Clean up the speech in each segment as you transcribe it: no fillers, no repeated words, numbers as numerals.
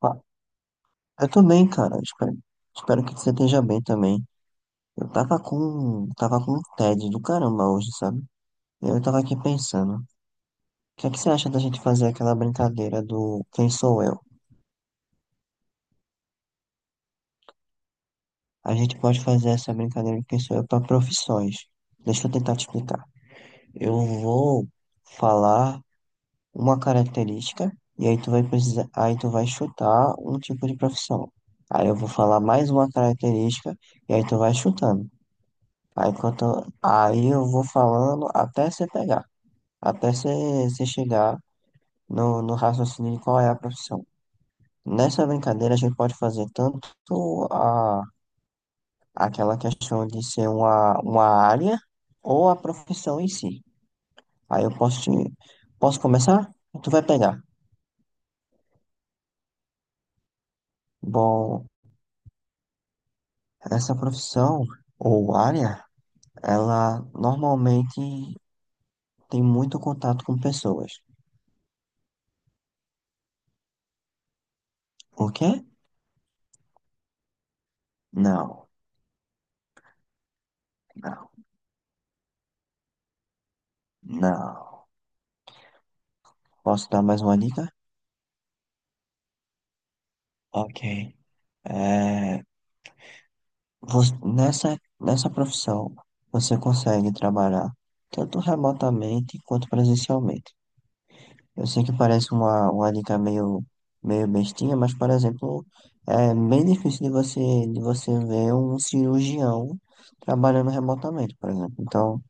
Ah, eu tô bem, cara. Espero que você esteja bem também. Tava com um tédio do caramba hoje, sabe? Eu tava aqui pensando, o que é que você acha da gente fazer aquela brincadeira do Quem Sou Eu? A gente pode fazer essa brincadeira do Quem Sou Eu para profissões. Deixa eu tentar te explicar. Eu vou falar uma característica e aí aí tu vai chutar um tipo de profissão. Aí eu vou falar mais uma característica e aí tu vai chutando. Aí, enquanto, aí eu vou falando até você pegar, até você, você chegar no raciocínio de qual é a profissão. Nessa brincadeira, a gente pode fazer tanto a, aquela questão de ser uma área ou a profissão em si. Aí eu posso te, posso começar? Tu vai pegar. Bom, essa profissão ou área, ela normalmente tem muito contato com pessoas. O quê? Não, não, não. Posso dar mais uma dica? Ok. É, nessa profissão, você consegue trabalhar tanto remotamente quanto presencialmente. Eu sei que parece uma dica meio bestinha, mas, por exemplo, é bem difícil de você ver um cirurgião trabalhando remotamente, por exemplo. Então,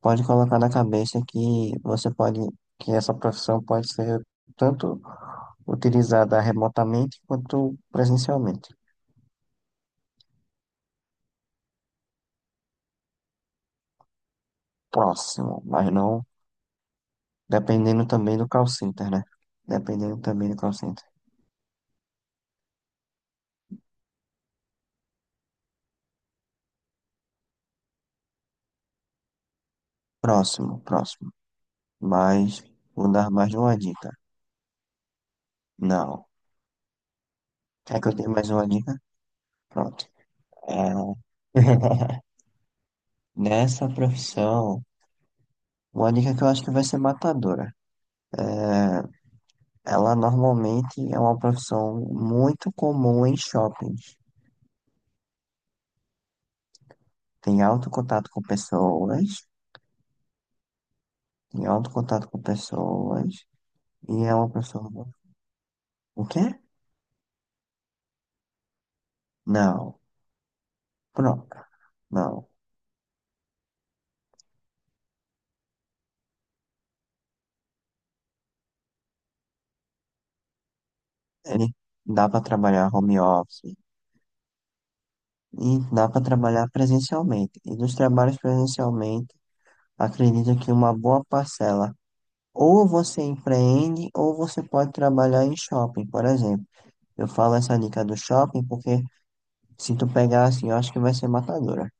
pode colocar na cabeça que que essa profissão pode ser tanto utilizada remotamente quanto presencialmente. Próximo, mas não, dependendo também do call center, né? Dependendo também do call center. Próximo. Mas vou dar mais uma dica. Não. Quer que eu dê mais uma dica? Pronto. É... Nessa profissão, uma dica que eu acho que vai ser matadora. É... Ela normalmente é uma profissão muito comum em shoppings. Tem alto contato com pessoas, tem alto contato com pessoas, e é uma pessoa. O quê? Não. Pronto. Não. Ele dá para trabalhar home office e dá para trabalhar presencialmente. E dos trabalhos presencialmente, acredito que uma boa parcela ou você empreende ou você pode trabalhar em shopping, por exemplo. Eu falo essa dica do shopping porque se tu pegar assim, eu acho que vai ser matadora.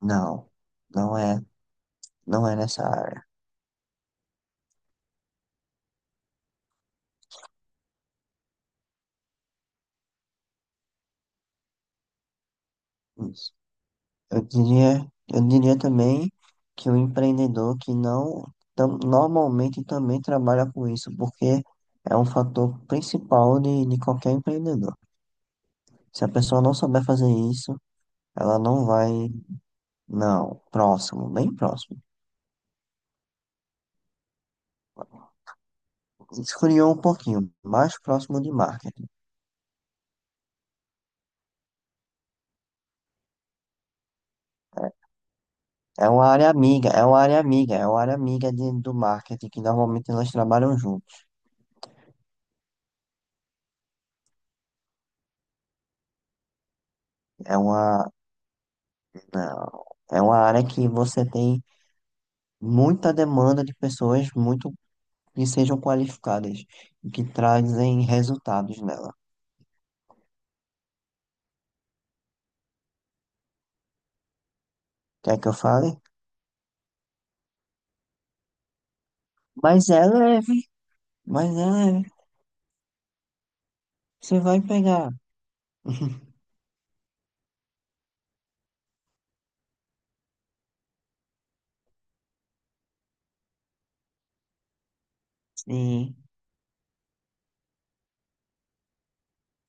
Não, não é, não é nessa área. Eu diria, eu diria também que o empreendedor que não normalmente também trabalha com isso, porque é um fator principal de qualquer empreendedor. Se a pessoa não souber fazer isso, ela não vai, não, próximo, bem próximo. Esfriou um pouquinho, mais próximo de marketing. É uma área amiga do marketing, que normalmente elas trabalham juntos. É uma, não, é uma área que você tem muita demanda de pessoas muito que sejam qualificadas e que trazem resultados nela. Quer que eu fale? Mas é leve, mas é leve. Você vai pegar. Sim.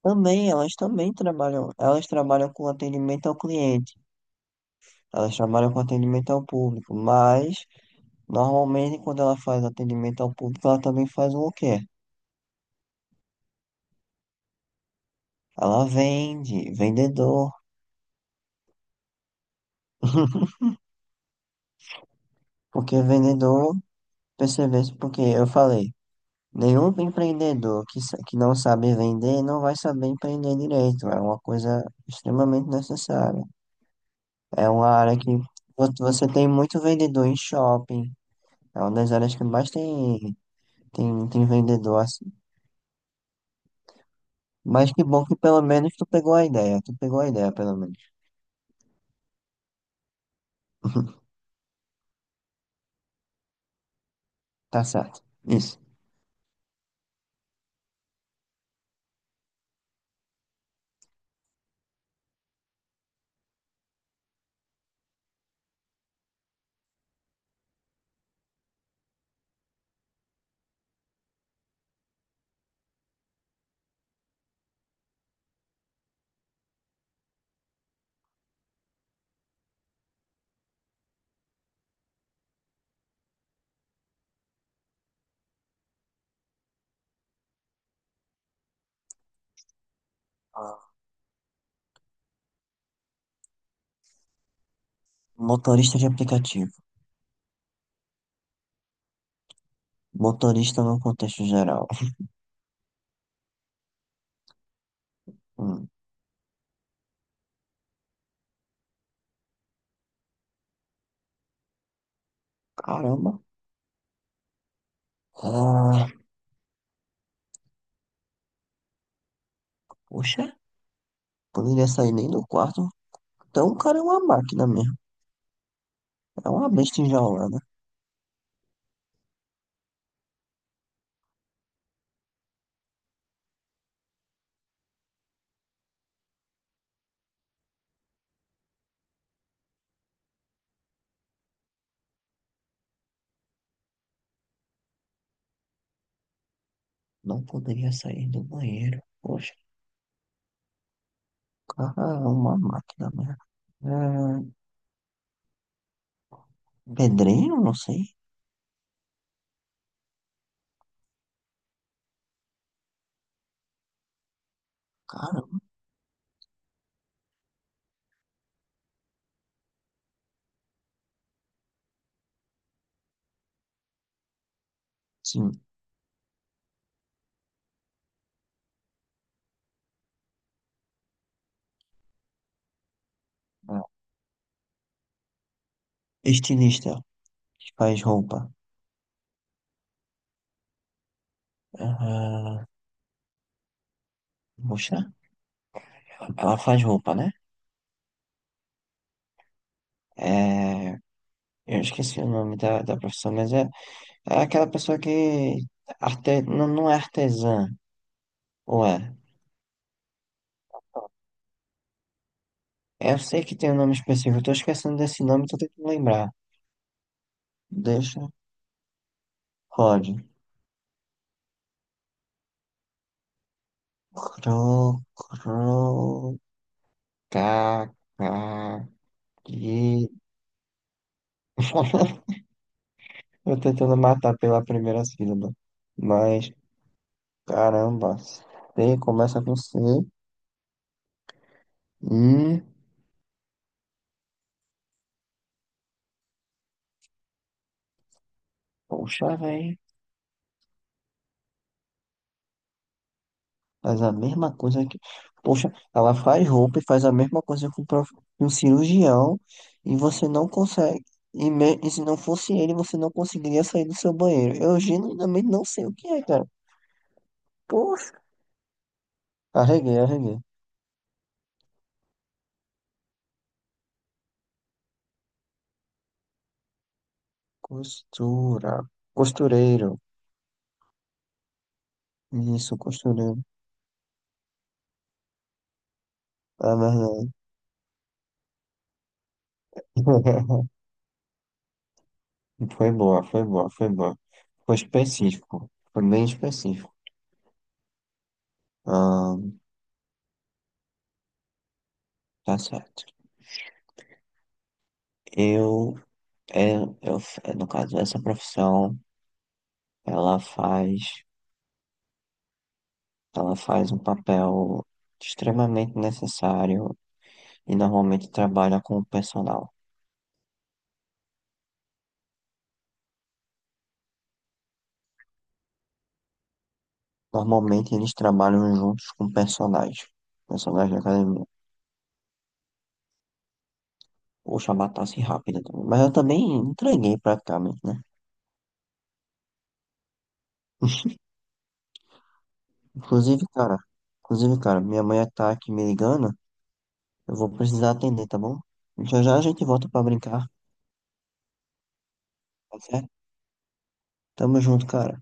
Também, elas também trabalham, elas trabalham com atendimento ao cliente, elas trabalham com atendimento ao público, mas normalmente quando ela faz atendimento ao público, ela também faz o quê? Ela vende, vendedor. Porque vendedor, percebesse, porque eu falei, nenhum empreendedor que, que não sabe vender não vai saber empreender direito. É uma coisa extremamente necessária. É uma área que você tem muito vendedor em shopping. É uma das áreas que mais tem, tem vendedor assim. Mas que bom que pelo menos tu pegou a ideia. Tu pegou a ideia, pelo menos. Tá certo. Isso. Ah, motorista de aplicativo. Motorista no contexto geral. Hum, caramba. Ah, poxa, poderia sair nem do quarto. Então o cara é uma máquina mesmo. É uma besta enjaulada. Não poderia sair do banheiro. Poxa, o cara, é uma máquina mesmo. É, pedreiro, não sei. Cara, sim. É. Estilista que faz roupa. Ah, poxa, ela faz roupa, né? É, eu esqueci o nome da profissão, mas é aquela pessoa que arte, não é artesã, ou é? Eu sei que tem um nome específico, eu tô esquecendo desse nome, tô tentando lembrar. Deixa, pode. Cro, cro, ca, ca, que. Eu tentando matar pela primeira sílaba. Mas, caramba, C começa com C. Hum, poxa, velho. Faz a mesma coisa que. Poxa, ela faz roupa e faz a mesma coisa com um um cirurgião. E você não consegue. E, e se não fosse ele, você não conseguiria sair do seu banheiro. Eu genuinamente não sei o que é, cara. Poxa, arreguei. Costura. Costureiro. Isso, costureiro. Ah, verdade. Foi boa. Foi específico. Foi bem específico. Ah, tá certo. Eu, é, eu, é no caso, essa profissão, ela faz, ela faz um papel extremamente necessário e normalmente trabalha com o personal. Normalmente eles trabalham juntos com personagens. Personagens da academia. Poxa, matasse rápida também. Mas eu também entreguei praticamente, né? Inclusive, cara, inclusive, cara, minha mãe tá aqui me ligando. Eu vou precisar atender, tá bom? Já já a gente volta pra brincar, tá certo? Tamo junto, cara.